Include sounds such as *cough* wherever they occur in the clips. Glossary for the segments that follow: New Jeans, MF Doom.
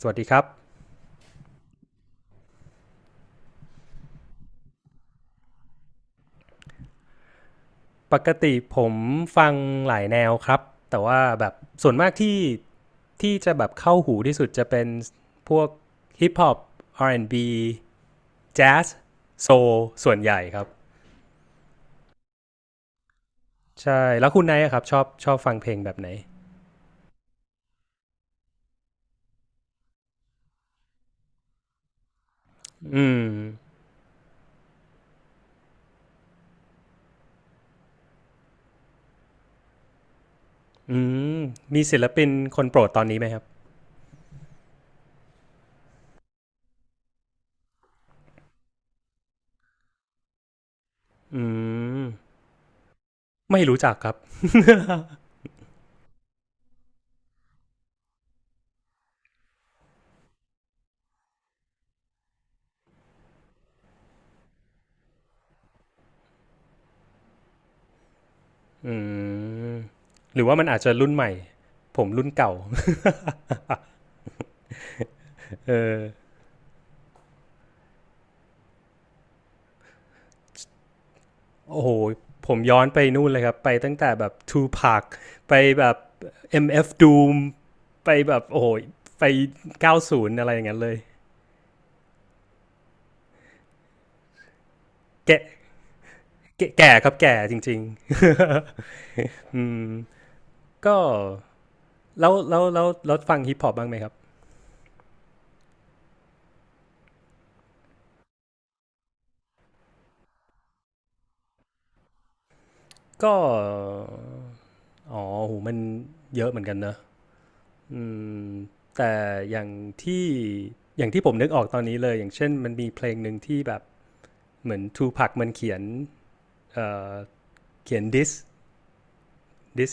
สวัสดีครับปกติผมฟังหลายแนวครับแต่ว่าแบบส่วนมากที่จะแบบเข้าหูที่สุดจะเป็นพวกฮิปฮอป R&B แอนด์บีแจ๊สโซลส่วนใหญ่ครับใช่แล้วคุณไนท์ครับชอบฟังเพลงแบบไหนอืมอืมมีศิลปินคนโปรดตอนนี้ไหมครับอืมไม่รู้จักครับอืมหรือว่ามันอาจจะรุ่นใหม่ผมรุ่นเก่า *laughs* เออ โอ้โหผมย้อนไปนู่นเลยครับไปตั้งแต่แบบทู p a c ไปแบบ MF Doom ไปแบบโอ้โหไป90อะไรอย่างนั้นเลยแก่แก่แก่ครับแก่จริงๆ *laughs* อืมก็แล้วฟังฮิปฮอปบ้างไหมครับก็อ๋อโหมันเยอะเหมือนกันเนอะอืมแต่อย่างที่อย่างที่ผมนึกออกตอนนี้เลยอย่างเช่นมันมีเพลงหนึ่งที่แบบเหมือนทูพักมันเขียนเอ่อเขียนดิส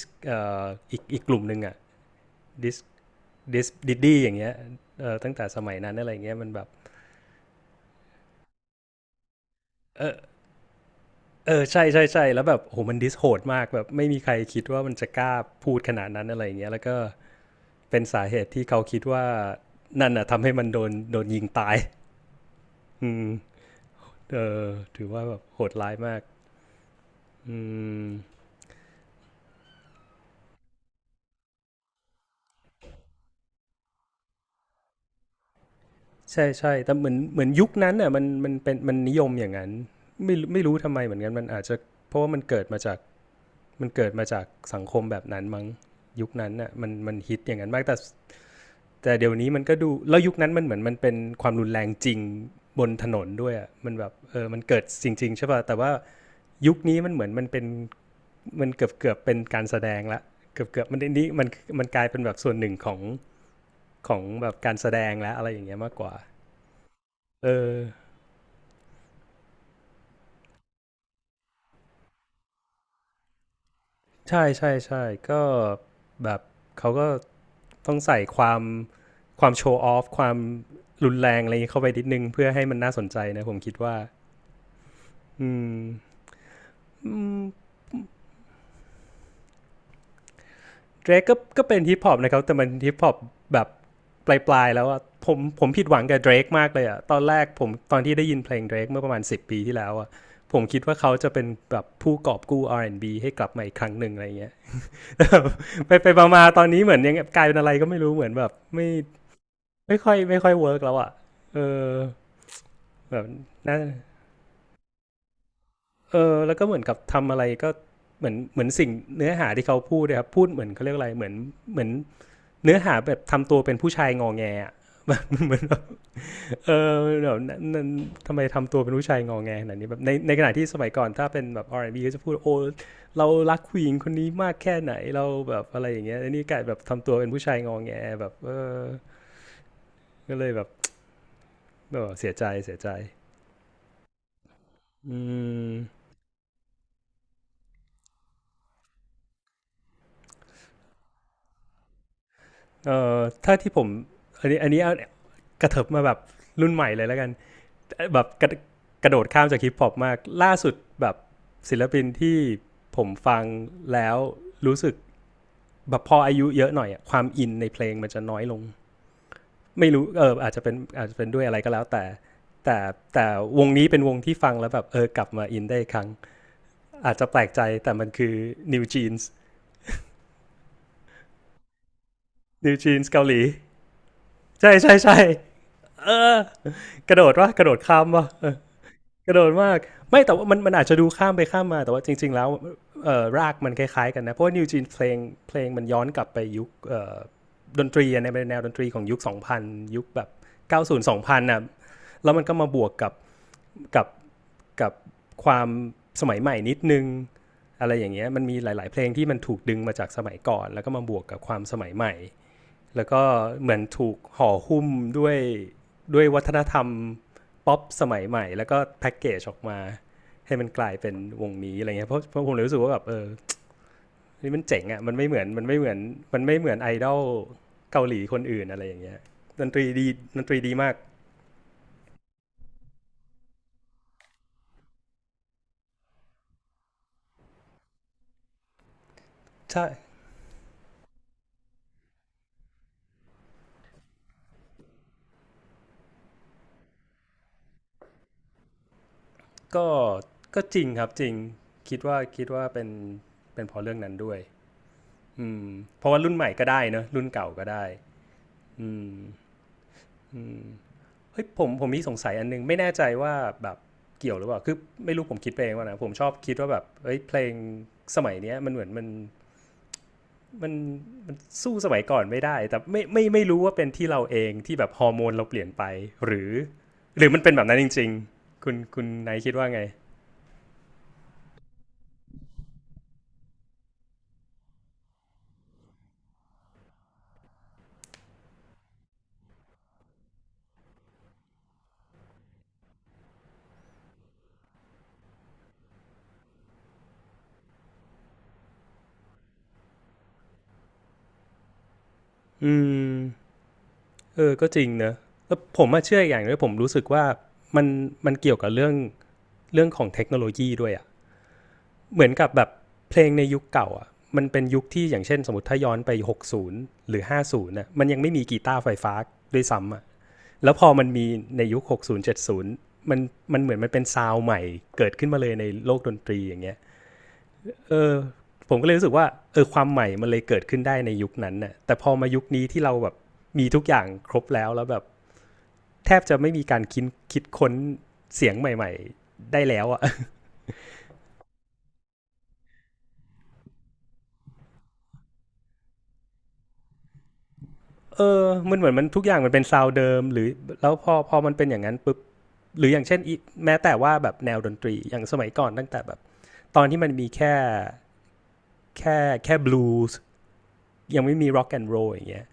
ออีกกลุ่มหนึ่งอะดิสดิสดิดดี้อย่างเงี้ยเออตั้งแต่สมัยนั้นอะไรเงี้ยมันแบบเออเออใช่ใช่ใช่แล้วแบบโหมันดิสโหดมากแบบไม่มีใครคิดว่ามันจะกล้าพูดขนาดนั้นอะไรเงี้ยแล้วก็เป็นสาเหตุที่เขาคิดว่านั่นอะทำให้มันโดนยิงตายอืมเออถือว่าแบบโหดร้ายมากอืมใช่ใช่ แต่เหมือนยุคนั้นอ่ะมันเป็นมันนิยมอย่างนั้นไม่รู้ทำไมเหมือนกันมันอาจจะเพราะว่ามันเกิดมาจากสังคมแบบนั้นมั้งยุคนั้นน่ะมันฮิตอย่างนั้นมากแต่เดี๋ยวนี้มันก็ดูแล้วยุคนั้นมันเหมือนมันเป็นความรุนแรงจริงบนถนนด้วยอ่ะมันแบบเออมันเกิดจริงๆใช่ป่ะแต่ว่ายุคนี้มันเหมือนมันเป็นมันเกือบเกือบเป็นการแสดงละเกือบเกือบมันนนี้มันกลายเป็นแบบส่วนหนึ่งของแบบการแสดงและอะไรอย่างเงี้ยมากกว่าเออใช่ใช่ใช่ก็แบบเขาก็ ต้องใส่ความโชว์ออฟความรุนแรงอะไรเข้าไปนิดนึงเพื่อให้มันน่าสนใจนะผมคิดว่าอืมอืเดรกก็เป็นฮิปฮอปนะครับแต่มันฮิปฮอปแบบปลายๆแล้วอะผมผิดหวังกับเดรกมากเลยอะตอนแรกผมตอนที่ได้ยินเพลงเดรกเมื่อประมาณ10ปีที่แล้วอะผมคิดว่าเขาจะเป็นแบบผู้กอบกู้ R&B ให้กลับมาอีกครั้งหนึ่งอะไรเงี้ย *laughs* ไปไปมาๆตอนนี้เหมือนยังกลายเป็นอะไรก็ไม่รู้เหมือนแบบไม่ไม่ค่อยเวิร์กแล้วอะเออแบบน่า เออแล้วก็เหมือนกับทำอะไรก็เหมือนสิ่งเนื้อหาที่เขาพูดเลยครับพูดเหมือนเขาเรียกอะไรเหมือนเนื้อหาแบบทำตัวเป็นผู้ชายงอแงอะ *laughs* แบบเหมือนแบบเออแบบนั่นันทำไมทำตัวเป็นผู้ชายงอแงขนาดนี้แบบในขณะที่สมัยก่อนถ้าเป็นแบบ R&B ก็จะพูดโอ้เรารักผู้หญิงคนนี้มากแค่ไหนเราแบบอะไรอย่างเงี้ยนนี่กลายแบบทำตัวเป็นผู้ชายงอแงแบบเออก็เลยแบบเเสียใจอืมเออถ้าที่ผมอันนี้เอากระเถิบมาแบบรุ่นใหม่เลยแล้วกัน แบบกระโดดข้ามจากฮิปฮอปมากล่าสุดแบบศิลปินที่ผมฟังแล้วรู้สึกแบบพออายุเยอะหน่อยอะความอินในเพลงมันจะน้อยลงไม่รู้เอออาจจะเป็นด้วยอะไรก็แล้วแต่แต่แต่วงนี้เป็นวงที่ฟังแล้วแบบเออกลับมาอินได้ครั้งอาจจะแปลกใจแต่มันคือ New Jeans New Jeans เกาหลีใช่ใช่ใช่เออกระโดดว่ากระโดดข้ามว่ะเออ กระโดดมากไม่แต่ว่ามันมันอาจจะดูข้ามไปข้ามมาแต่ว่าจริงๆแล้วรากมันคล้ายๆกันนะเพราะว่านิวจีนเพลงมันย้อนกลับไปยุคดนตรีในแนวดนตรีของยุคสองพันยุคแบบ90 2000นน่ะแล้วมันก็มาบวกกับกับความสมัยใหม่นิดนึงอะไรอย่างเงี้ยมันมีหลายๆเพลงที่มันถูกดึงมาจากสมัยก่อนแล้วก็มาบวกกับความสมัยใหม่ แล้วก็เหมือนถูกห่อหุ้มด้วยด้วยวัฒนธรรมป๊อปสมัยใหม่แล้วก็แพ็กเกจออกมาให้มันกลายเป็นวงนี้อะไรเงี้ยเพราะผมเลยรู้สึกว่าแบบเออนี่มันเจ๋งอ่ะมันไม่เหมือนมันไม่เหมือนมันไม่เหมือนไอดอลเกาหลีคนอื่นอะไรอย่างเงี้ยดนตรีดีดนตรีดีมากใช่ก็ก็จริงครับจริงคิดว่าเป็นเพราะเรื่องนั้นด้วยอืมเพราะว่ารุ่นใหม่ก็ได้เนอะรุ่นเก่าก็ได้อืมอืม เฮ้ยผมมีสงสัยอันนึงไม่แน่ใจว่าแบบเกี่ยวหรือเปล่าคือไม่รู้ผมคิดเองว่านะผมชอบคิดว่าแบบเฮ้ยเพลงสมัยเนี้ยมันเหมือนมันสู้สมัยก่อนไม่ได้แต่ไม่รู้ว่าเป็นที่เราเองที่แบบฮอร์โมนเราเปลี่ยนไปหรือหรือมันเป็นแบบนั้นจริงๆคุณนายคิดว่าไงอืมเออก็จริงเนอะแล้วผมมาเชื่ออย่างหนึงผมรู้สึกว่ามันมันเกี่ยวกับเรื่องเรื่องของเทคโนโลยีด้วยอะ เหมือนกับแบบเพลงในยุคเก่าอ่ะมันเป็นยุคที่อย่างเช่นสมมติถ้าย้อนไป60หรือ50น่ะมันยังไม่มีกีตาร์ไฟฟ้าด้วยซ้ำอ่ะแล้วพอมันมีในยุค60 70มันเหมือนมันเป็นซาวด์ใหม่เกิดขึ้นมาเลยในโลกดนตรีอย่างเงี้ยเออผมก็เลยรู้สึกว่าเออความใหม่มันเลยเกิดขึ้นได้ในยุคนั้นน่ะแต่พอมายุคนี้ที่เราแบบมีทุกอย่างครบแล้วแล้วแบบแทบจะไม่มีการคิดคิดค้นเสียงใหม่ๆได้แล้วอะ เออมันเหมือนมันทุกอย่างมันเป็นซาวด์เดิมหรือแล้วพอมันเป็นอย่างนั้นปุ๊บหรืออย่างเช่นแม้แต่ว่าแบบแนวดนตรีอย่างสมัยก่อนตั้งแต่แบบตอนที่มันมีแค่แค่บลูส์ยังไม่มีร็อกแอนด์โรลอย่างเงี้ย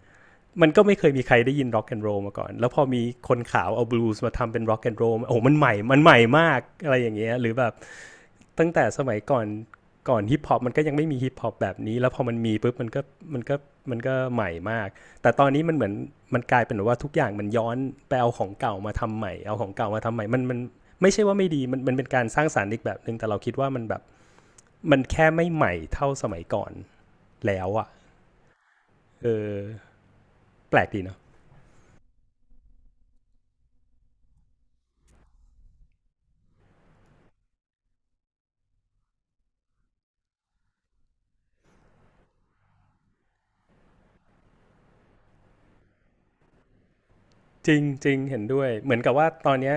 มันก็ไม่เคยมีใครได้ยินร็อกแอนด์โรลมาก่อนแล้วพอมีคนขาวเอาบลูส์มาทำเป็นร็อกแอนด์โรลโอ้มันใหม่มันใหม่มากอะไรอย่างเงี้ยหรือแบบ ตั้งแต่สมัยก่อนฮิปฮอปมันก็ยังไม่มีฮิปฮอปแบบนี้แล้วพอมันมีปุ๊บมันก็มันก็ใหม่มากแต่ตอนนี้มันเหมือนมันกลายเป็นว่าทุกอย่างมันย้อนไปเอาของเก่ามาทำใหม่เอาของเก่ามาทำใหม่มันไม่ใช่ว่าไม่ดีมันเป็นการสร้างสรรค์อีกแบบหนึ่งแต่เราคิดว่ามันแบบมันแค่ไม่ใหม่เท่าสมัยก่อนแล้วอ่ะเออแปลกดีเนาะจริงจริงเห็นด้วยเหมือนกับว่าตอนนี้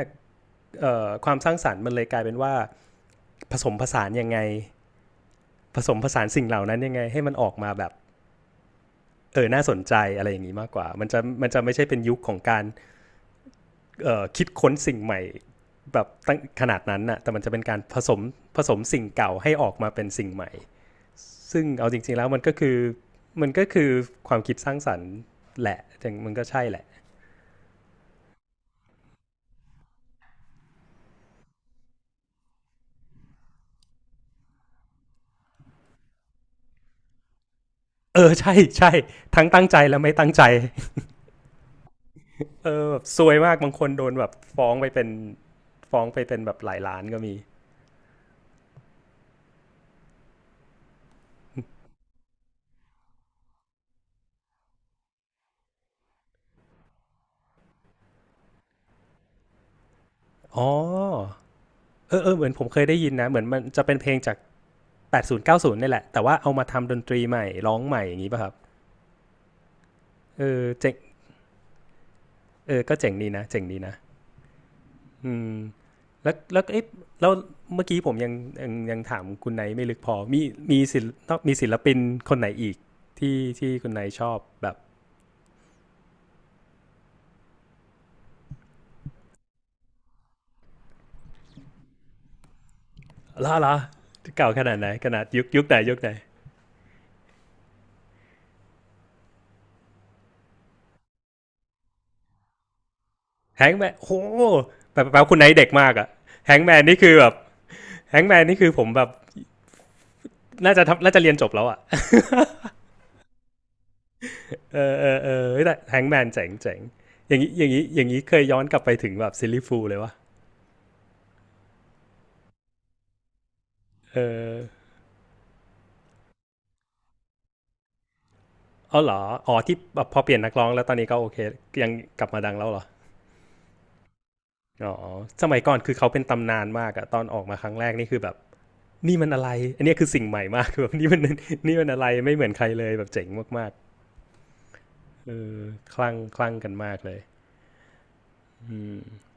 ความสร้างสรรค์มันเลยกลายเป็นว่าผสมผสานยังไงผสมผสานสิ่งเหล่านั้นยังไงให้มันออกมาแบบ เออน่าสนใจอะไรอย่างนี้มากกว่ามันจะไม่ใช่เป็นยุคของการคิดค้นสิ่งใหม่แบบตั้งขนาดนั้นน่ะแต่มันจะเป็นการผสมผสมสิ่งเก่าให้ออกมาเป็นสิ่งใหม่ซึ่งเอาจริงๆแล้วมันก็คือความคิดสร้างสรรค์แหละมันก็ใช่แหละเออใช่ทั้งตั้งใจและไม่ตั้งใจเออแบบซวยมากบางคนโดนแบบฟ้องไปเป็นแบบหลายล้านก็มีอ๋อเออเหมือนผมเคยได้ยินนะเหมือนมันจะเป็นเพลงจาก 80 90นี่แหละแต่ว่าเอามาทำดนตรีใหม่ร้องใหม่อย่างนี้ป่ะครับเออเจ๋งเออก็เจ๋งดีนะเจ๋งดีนะอืมแล้วแล้วเอ๊ะแล้วเมื่อกี้ผมยังถามคุณไนท์ไม่ลึกพอมีมีศิลป์ต้องมีศิลปินคนไหนอีกที่คุณไนท์ชอบแบบล่าล่ะเก่าขนาดไหนขนาดยุคไหนยุคไหนแฮงแมนโอ้แบบคุณไนท์เด็กมากอะแฮงแมนนี่คือแบบแฮงแมนนี่คือผมแบบน่าจะเรียนจบแล้วอะ เออแต่แฮงแมนเจ๋งอย่างนี้เคยย้อนกลับไปถึงแบบซิลลี่ฟูลเลยวะเออออเหรออ๋อที่พอเปลี่ยนนักร้องแล้วตอนนี้ก็โอเคยังกลับมาดังแล้วเหรออ๋อสมัยก่อนคือเขาเป็นตำนานมากอะตอนออกมาครั้งแรกนี่คือแบบนี่มันอะไรอันนี้คือสิ่งใหม่มากคือแบบนี่มันอะไรไม่เหมือนใครเลยแบบเจ๋งมากๆเออคลั่งกันมากเลยอืม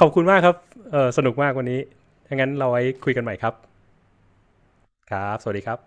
ขอบคุณมากครับเออสนุกมากวันนี้ถ้างั้นเราไว้คุยกันใหม่ครับครับสวัสดีครับ